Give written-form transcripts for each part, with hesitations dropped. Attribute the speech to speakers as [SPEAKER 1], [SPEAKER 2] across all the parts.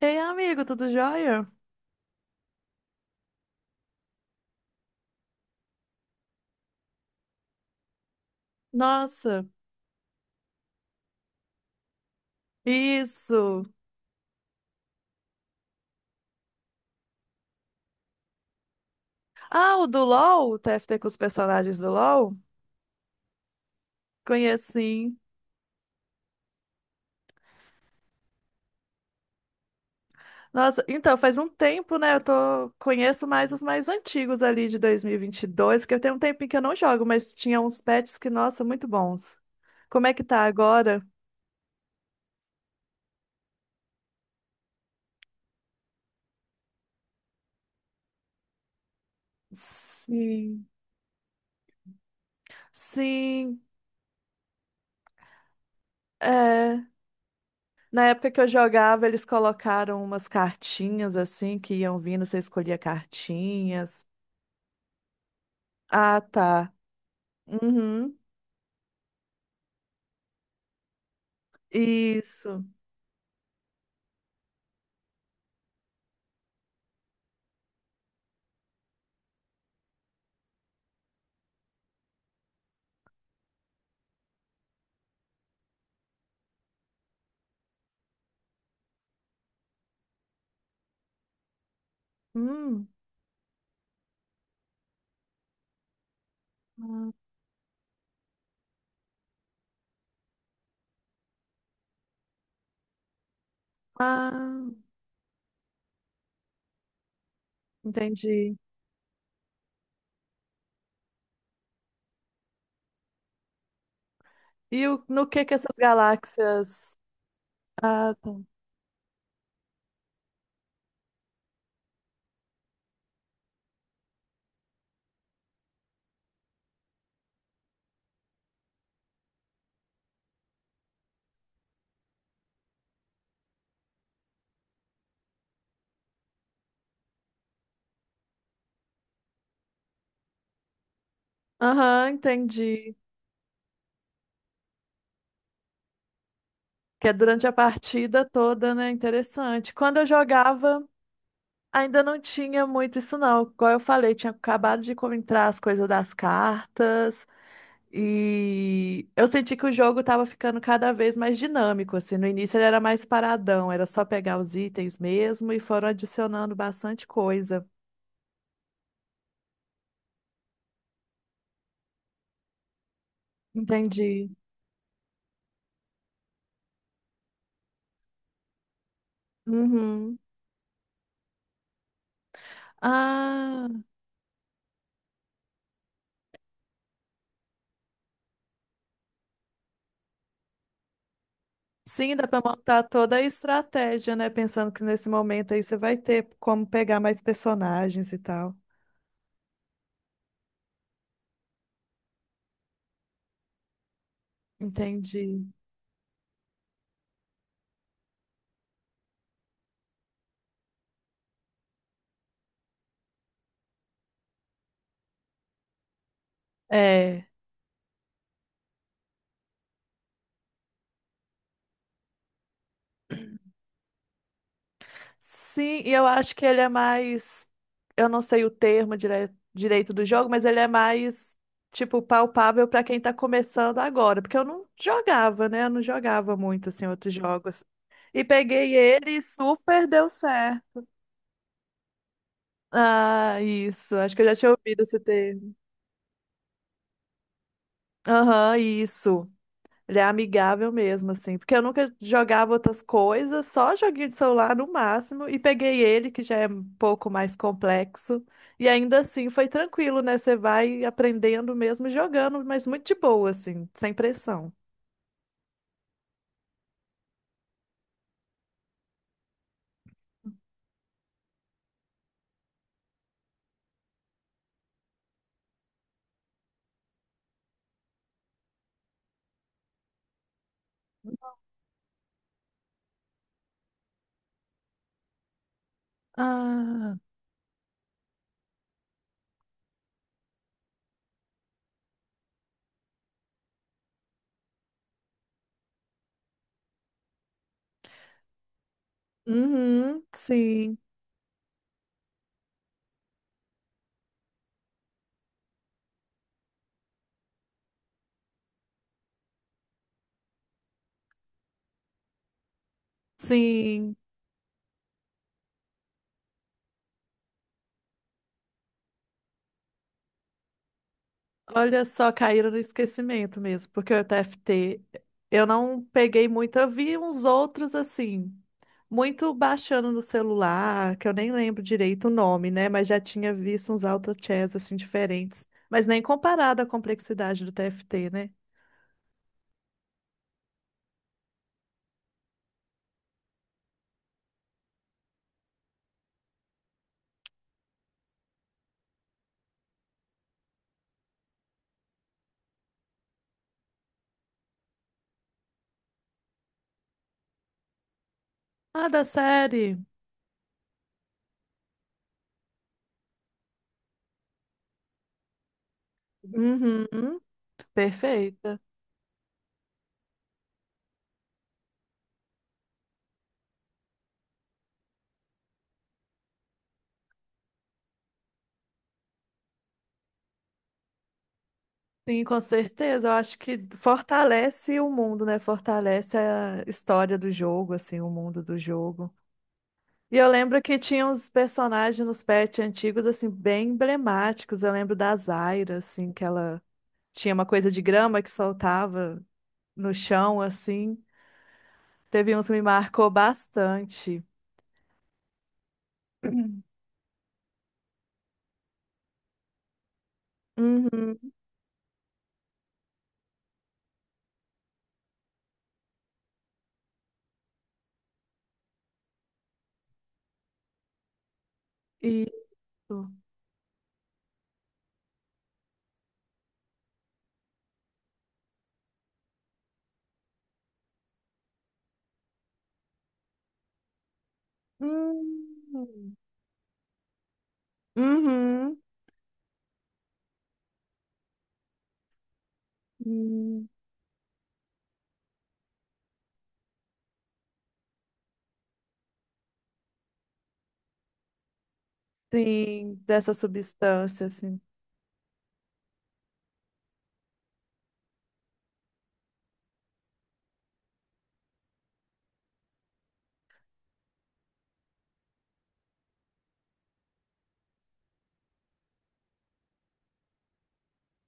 [SPEAKER 1] Ei, amigo, tudo jóia? Nossa, isso. Ah, o do LoL, o TFT com os personagens do LoL? Conheço sim. Nossa, então, faz um tempo, né? Eu tô... conheço mais os mais antigos ali de dois mil e vinte e dois porque eu tenho um tempinho que eu não jogo, mas tinha uns pets que, nossa, muito bons. Como é que tá agora? Sim. Sim, é. Na época que eu jogava, eles colocaram umas cartinhas assim que iam vindo, você escolhia cartinhas. Ah, tá. Uhum. Isso. Hum. Ah, entendi. E o- no que essas galáxias? Ah, tá. Aham, entendi. Que é durante a partida toda, né? Interessante. Quando eu jogava, ainda não tinha muito isso, não. Igual eu falei, tinha acabado de entrar as coisas das cartas. E eu senti que o jogo tava ficando cada vez mais dinâmico, assim. No início ele era mais paradão, era só pegar os itens mesmo e foram adicionando bastante coisa. Entendi. Uhum. Ah, sim, dá pra montar toda a estratégia, né? Pensando que nesse momento aí você vai ter como pegar mais personagens e tal. Entendi. É. Sim, e eu acho que ele é mais. Eu não sei o termo direito do jogo, mas ele é mais, tipo, palpável pra quem tá começando agora. Porque eu não jogava, né? Eu não jogava muito, assim, outros jogos. E peguei ele e super deu certo. Ah, isso. Acho que eu já tinha ouvido esse termo. Aham, isso. Ele é amigável mesmo, assim. Porque eu nunca jogava outras coisas, só joguinho de celular no máximo. E peguei ele, que já é um pouco mais complexo. E ainda assim foi tranquilo, né? Você vai aprendendo mesmo jogando, mas muito de boa, assim, sem pressão. Ah, uhum, sim Olha só, caíram no esquecimento mesmo, porque o TFT eu não peguei muito, eu vi uns outros assim, muito baixando no celular, que eu nem lembro direito o nome, né? Mas já tinha visto uns auto chess assim diferentes, mas nem comparado à complexidade do TFT, né? Ah, da série. Uhum, perfeita. Sim, com certeza. Eu acho que fortalece o mundo, né? Fortalece a história do jogo, assim, o mundo do jogo. E eu lembro que tinha uns personagens nos pets antigos, assim, bem emblemáticos. Eu lembro da Zaira, assim, que ela tinha uma coisa de grama que soltava no chão, assim. Teve uns que me marcou bastante. Uhum, isso. Hum. Uhum. Hum. Sim, dessa substância, assim.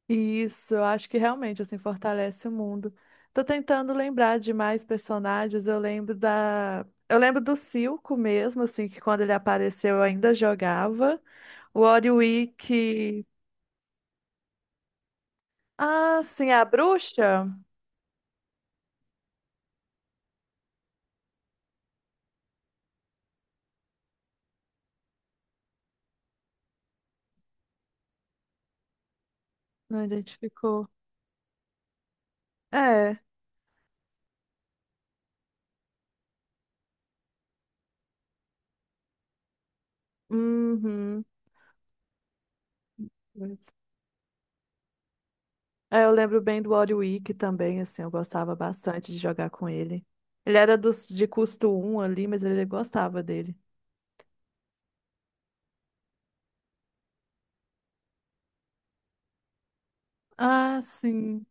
[SPEAKER 1] Isso, eu acho que realmente, assim, fortalece o mundo. Tô tentando lembrar de mais personagens, eu lembro da... Eu lembro do Silco mesmo, assim, que quando ele apareceu eu ainda jogava. O Oriwick... Ah, sim, a bruxa? Não identificou. É. Uhum. É, eu lembro bem do Warwick também, assim, eu gostava bastante de jogar com ele. Ele era dos, de custo um ali, mas ele gostava dele. Ah, sim.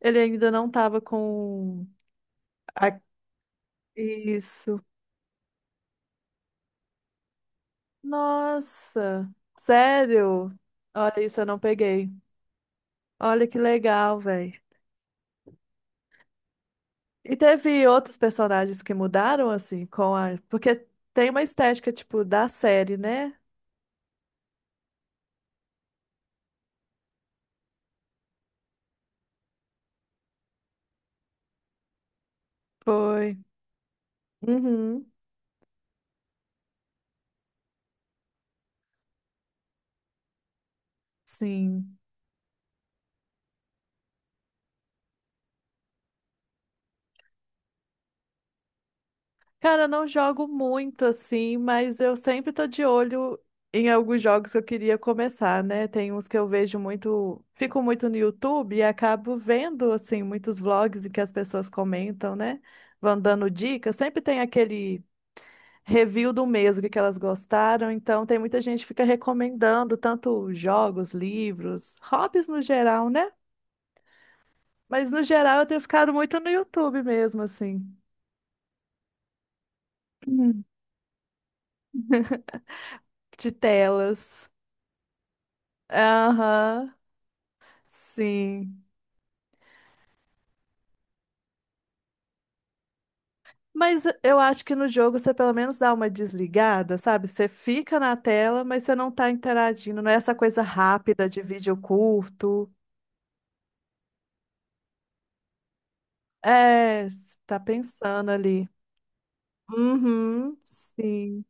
[SPEAKER 1] Ele ainda não tava com a- isso. Nossa, sério? Olha isso, eu não peguei. Olha que legal, velho. E teve outros personagens que mudaram assim com a, porque tem uma estética tipo da série, né? Foi. Uhum. Sim. Cara, não jogo muito assim, mas eu sempre tô de olho em alguns jogos que eu queria começar, né? Tem uns que eu vejo muito, fico muito no YouTube e acabo vendo assim muitos vlogs em que as pessoas comentam, né? Vão dando dicas. Sempre tem aquele review do mês, o que que elas gostaram. Então tem muita gente que fica recomendando tanto jogos, livros, hobbies no geral, né? Mas no geral eu tenho ficado muito no YouTube mesmo, assim, de telas. Aham. Sim. Mas eu acho que no jogo você pelo menos dá uma desligada, sabe? Você fica na tela, mas você não tá interagindo. Não é essa coisa rápida de vídeo curto. É, você tá pensando ali. Uhum, sim.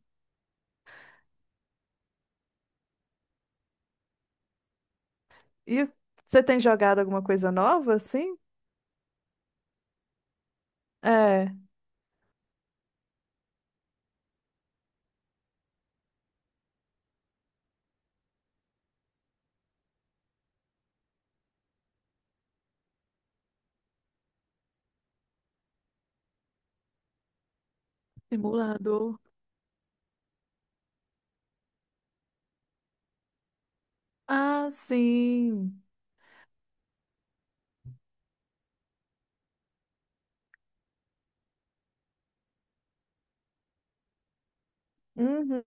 [SPEAKER 1] E você tem jogado alguma coisa nova, assim? É, simulador. Ah, sim. Uhum.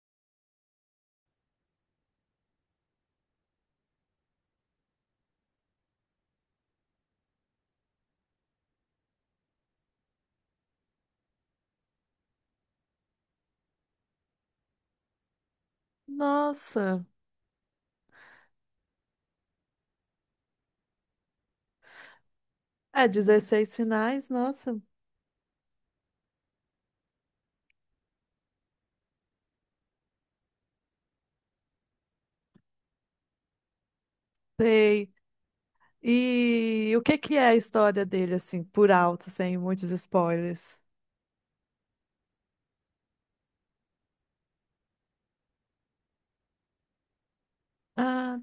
[SPEAKER 1] Nossa. É, 16 finais, nossa. Sei. E o que que é a história dele, assim, por alto, sem muitos spoilers? Ah,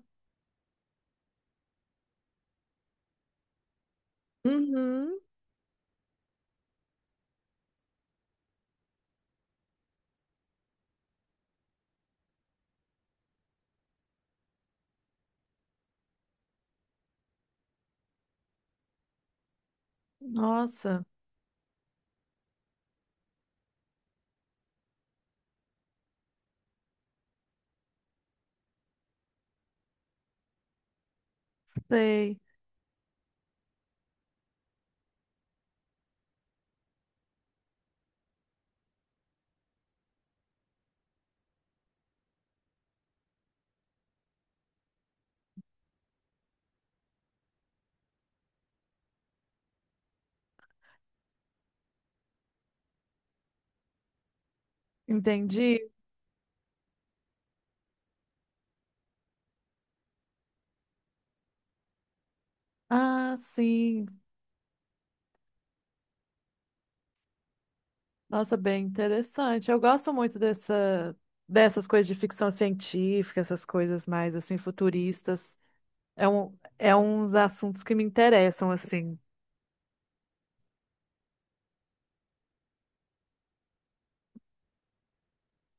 [SPEAKER 1] uhum. Nossa, sei. Entendi. Ah, sim. Nossa, bem interessante. Eu gosto muito dessa, dessas coisas de ficção científica, essas coisas mais, assim, futuristas. É um, é uns assuntos que me interessam, assim.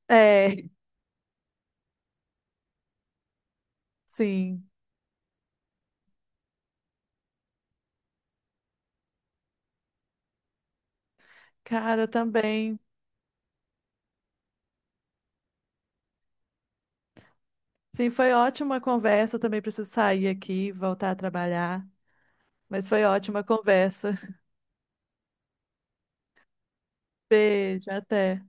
[SPEAKER 1] É, sim. Cara, também. Sim, foi ótima a conversa. Eu também preciso sair aqui, voltar a trabalhar. Mas foi ótima a conversa. Beijo, até.